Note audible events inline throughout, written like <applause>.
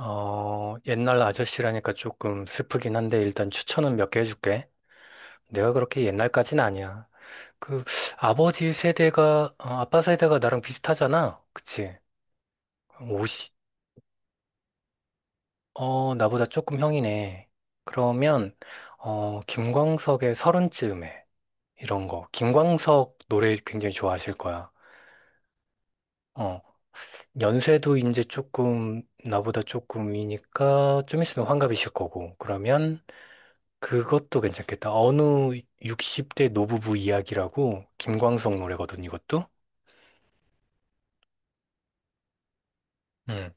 옛날 아저씨라니까 조금 슬프긴 한데 일단 추천은 몇 개 해줄게. 내가 그렇게 옛날까진 아니야. 그 아빠 세대가 나랑 비슷하잖아. 그치? 50, 나보다 조금 형이네. 그러면 김광석의 서른쯤에 이런 거. 김광석 노래 굉장히 좋아하실 거야. 어, 연세도 이제 조금 나보다 조금 이니까 좀 있으면 환갑이실 거고. 그러면 그것도 괜찮겠다. 어느 60대 노부부 이야기라고 김광석 노래거든, 이것도. 음.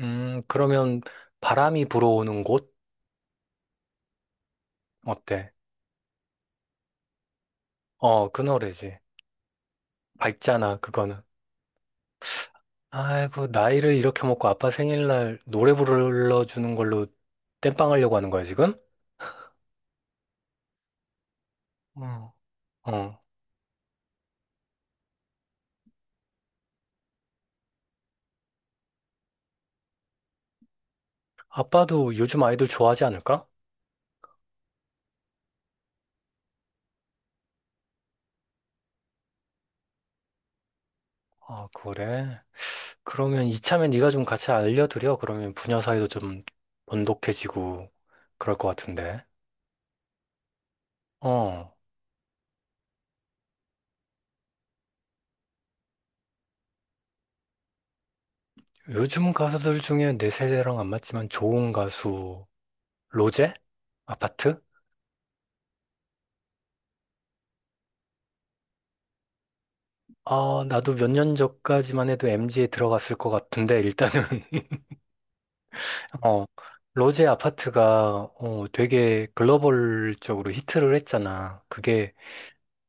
그러면 바람이 불어오는 곳 어때? 어, 그 노래지. 밝잖아, 그거는. 아이고, 나이를 이렇게 먹고 아빠 생일날 노래 불러주는 걸로 땜빵 하려고 하는 거야, 지금? 어. 어. 아빠도 요즘 아이돌 좋아하지 않을까? 아, 그래. 그러면 이참에 네가 좀 같이 알려드려. 그러면 부녀 사이도 좀 돈독해지고 그럴 것 같은데. 어, 요즘 가수들 중에 내 세대랑 안 맞지만 좋은 가수, 로제? 아파트? 아, 나도 몇 년 전까지만 해도 m z 에 들어갔을 것 같은데, 일단은, <laughs> 어, 로제 아파트가, 되게 글로벌적으로 히트를 했잖아. 그게,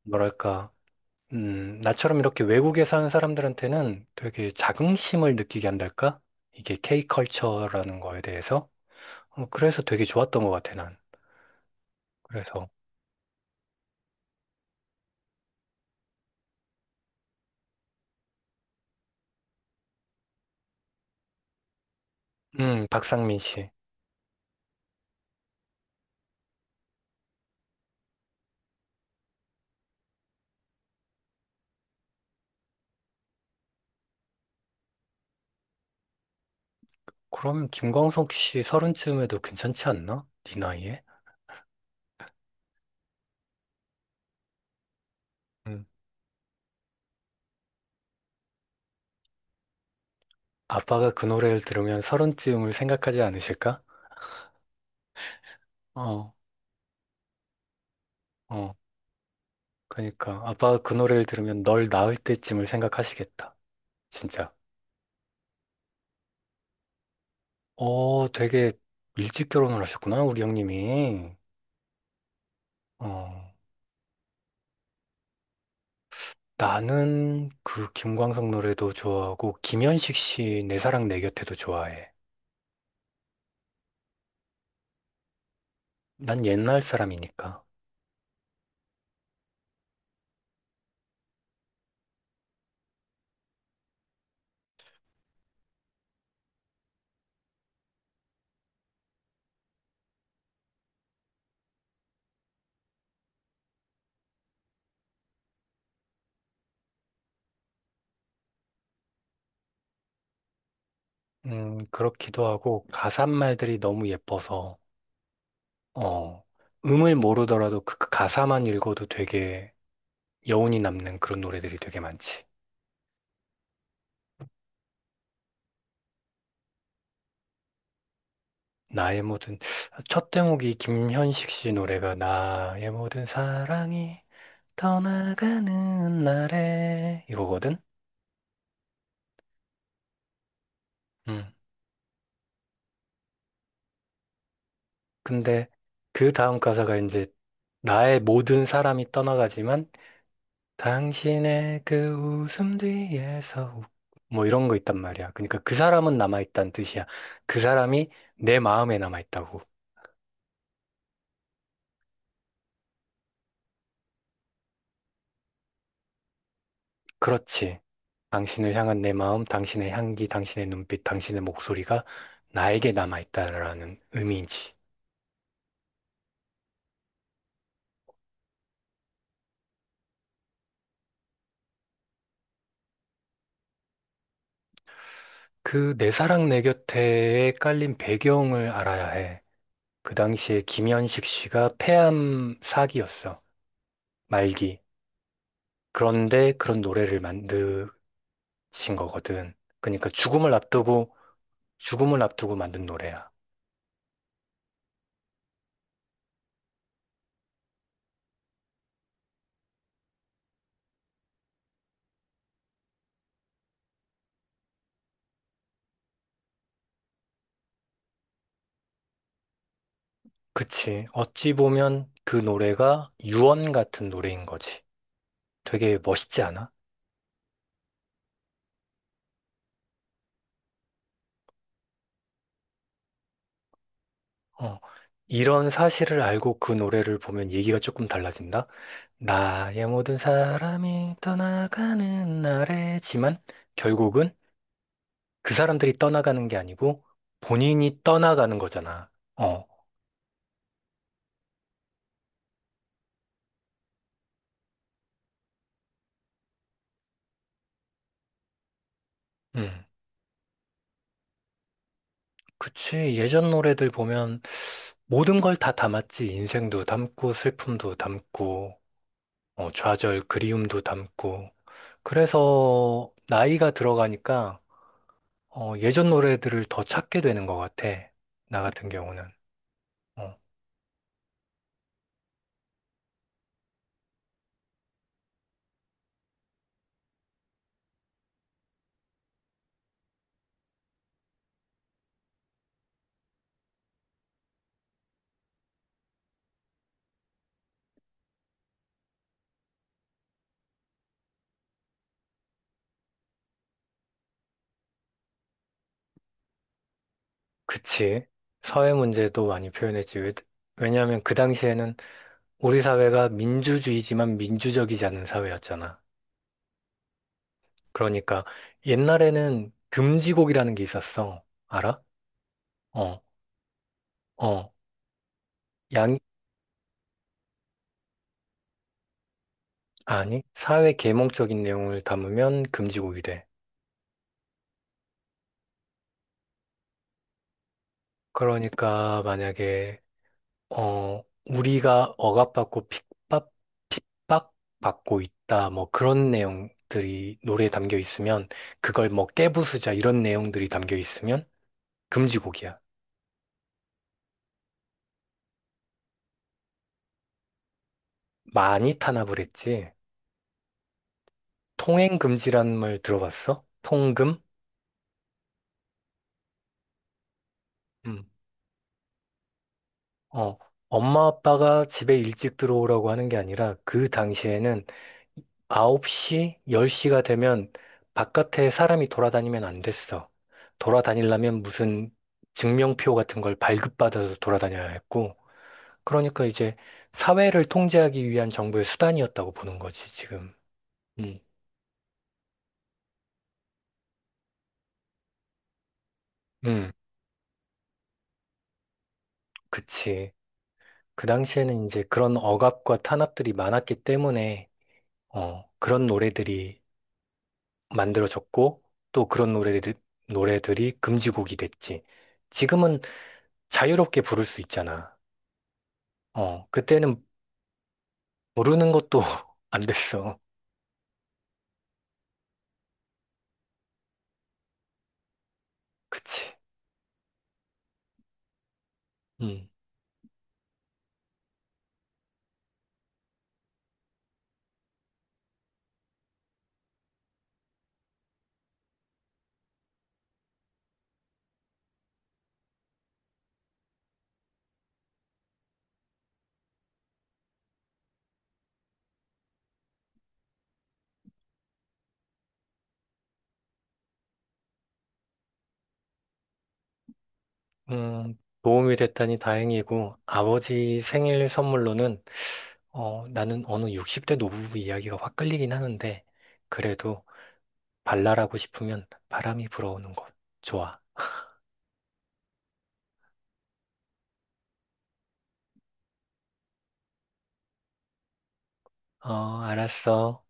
뭐랄까, 나처럼 이렇게 외국에 사는 사람들한테는 되게 자긍심을 느끼게 한달까? 이게 K컬처라는 거에 대해서. 그래서 되게 좋았던 것 같아, 난. 그래서, 박상민 씨. 그러면 김광석 씨 서른쯤에도 괜찮지 않나? 네 나이에? 음. 아빠가 그 노래를 들으면 서른쯤을 생각하지 않으실까? 어, 어. 그러니까 아빠가 그 노래를 들으면 널 낳을 때쯤을 생각하시겠다. 진짜. 어, 되게 일찍 결혼을 하셨구나, 우리 형님이. 어. 나는 그 김광석 노래도 좋아하고 김현식 씨 내 사랑 내 곁에도 좋아해. 난 옛날 사람이니까. 그렇기도 하고 가사 말들이 너무 예뻐서 어, 음을 모르더라도 그그 가사만 읽어도 되게 여운이 남는 그런 노래들이 되게 많지. 나의 모든, 첫 대목이 김현식 씨 노래가 나의 모든 사랑이 떠나가는 날에 이거거든? 음. 근데 그 다음 가사가 이제 나의 모든 사람이 떠나가지만 당신의 그 웃음 뒤에서 뭐 이런 거 있단 말이야. 그러니까 그 사람은 남아있다는 뜻이야. 그 사람이 내 마음에 남아있다고. 그렇지. 당신을 향한 내 마음, 당신의 향기, 당신의 눈빛, 당신의 목소리가 나에게 남아있다라는 의미인지. 그 내 사랑 내 곁에에 깔린 배경을 알아야 해. 그 당시에 김현식 씨가 폐암 사기였어. 말기. 그런데 그런 노래를 만드신 거거든. 그러니까 죽음을 앞두고, 죽음을 앞두고 만든 노래야. 그치. 어찌 보면 그 노래가 유언 같은 노래인 거지. 되게 멋있지 않아? 어, 이런 사실을 알고 그 노래를 보면 얘기가 조금 달라진다. 나의 모든 사람이 떠나가는 날에지만 결국은 그 사람들이 떠나가는 게 아니고 본인이 떠나가는 거잖아. 어, 음. 그치. 예전 노래들 보면 모든 걸 다 담았지. 인생도 담고 슬픔도 담고 좌절, 그리움도 담고. 그래서 나이가 들어가니까 예전 노래들을 더 찾게 되는 것 같아. 나 같은 경우는. 어, 그치. 사회 문제도 많이 표현했지. 왜냐하면 그 당시에는 우리 사회가 민주주의지만 민주적이지 않은 사회였잖아. 그러니까 옛날에는 금지곡이라는 게 있었어. 알아? 어, 어. 양, 아니, 사회 계몽적인 내용을 담으면 금지곡이 돼. 그러니까 만약에 우리가 억압받고 핍박받고 있다. 뭐 그런 내용들이 노래에 담겨 있으면 그걸 뭐 깨부수자 이런 내용들이 담겨 있으면 금지곡이야. 많이 탄압을 했지. 통행금지라는 말 들어봤어? 통금? 음. 어, 엄마 아빠가 집에 일찍 들어오라고 하는 게 아니라 그 당시에는 9시, 10시가 되면 바깥에 사람이 돌아다니면 안 됐어. 돌아다니려면 무슨 증명표 같은 걸 발급받아서 돌아다녀야 했고, 그러니까 이제 사회를 통제하기 위한 정부의 수단이었다고 보는 거지, 지금. 음, 음, 그치. 그 당시에는 이제 그런 억압과 탄압들이 많았기 때문에, 그런 노래들이 만들어졌고, 또 그런 노래들이 금지곡이 됐지. 지금은 자유롭게 부를 수 있잖아. 그때는 모르는 것도 <laughs> 안 됐어. 그치. 음, 도움이 됐다니 다행이고, 아버지 생일 선물로는, 나는 어느 60대 노부부 이야기가 확 끌리긴 하는데, 그래도 발랄하고 싶으면 바람이 불어오는 곳. 좋아. 어, 알았어.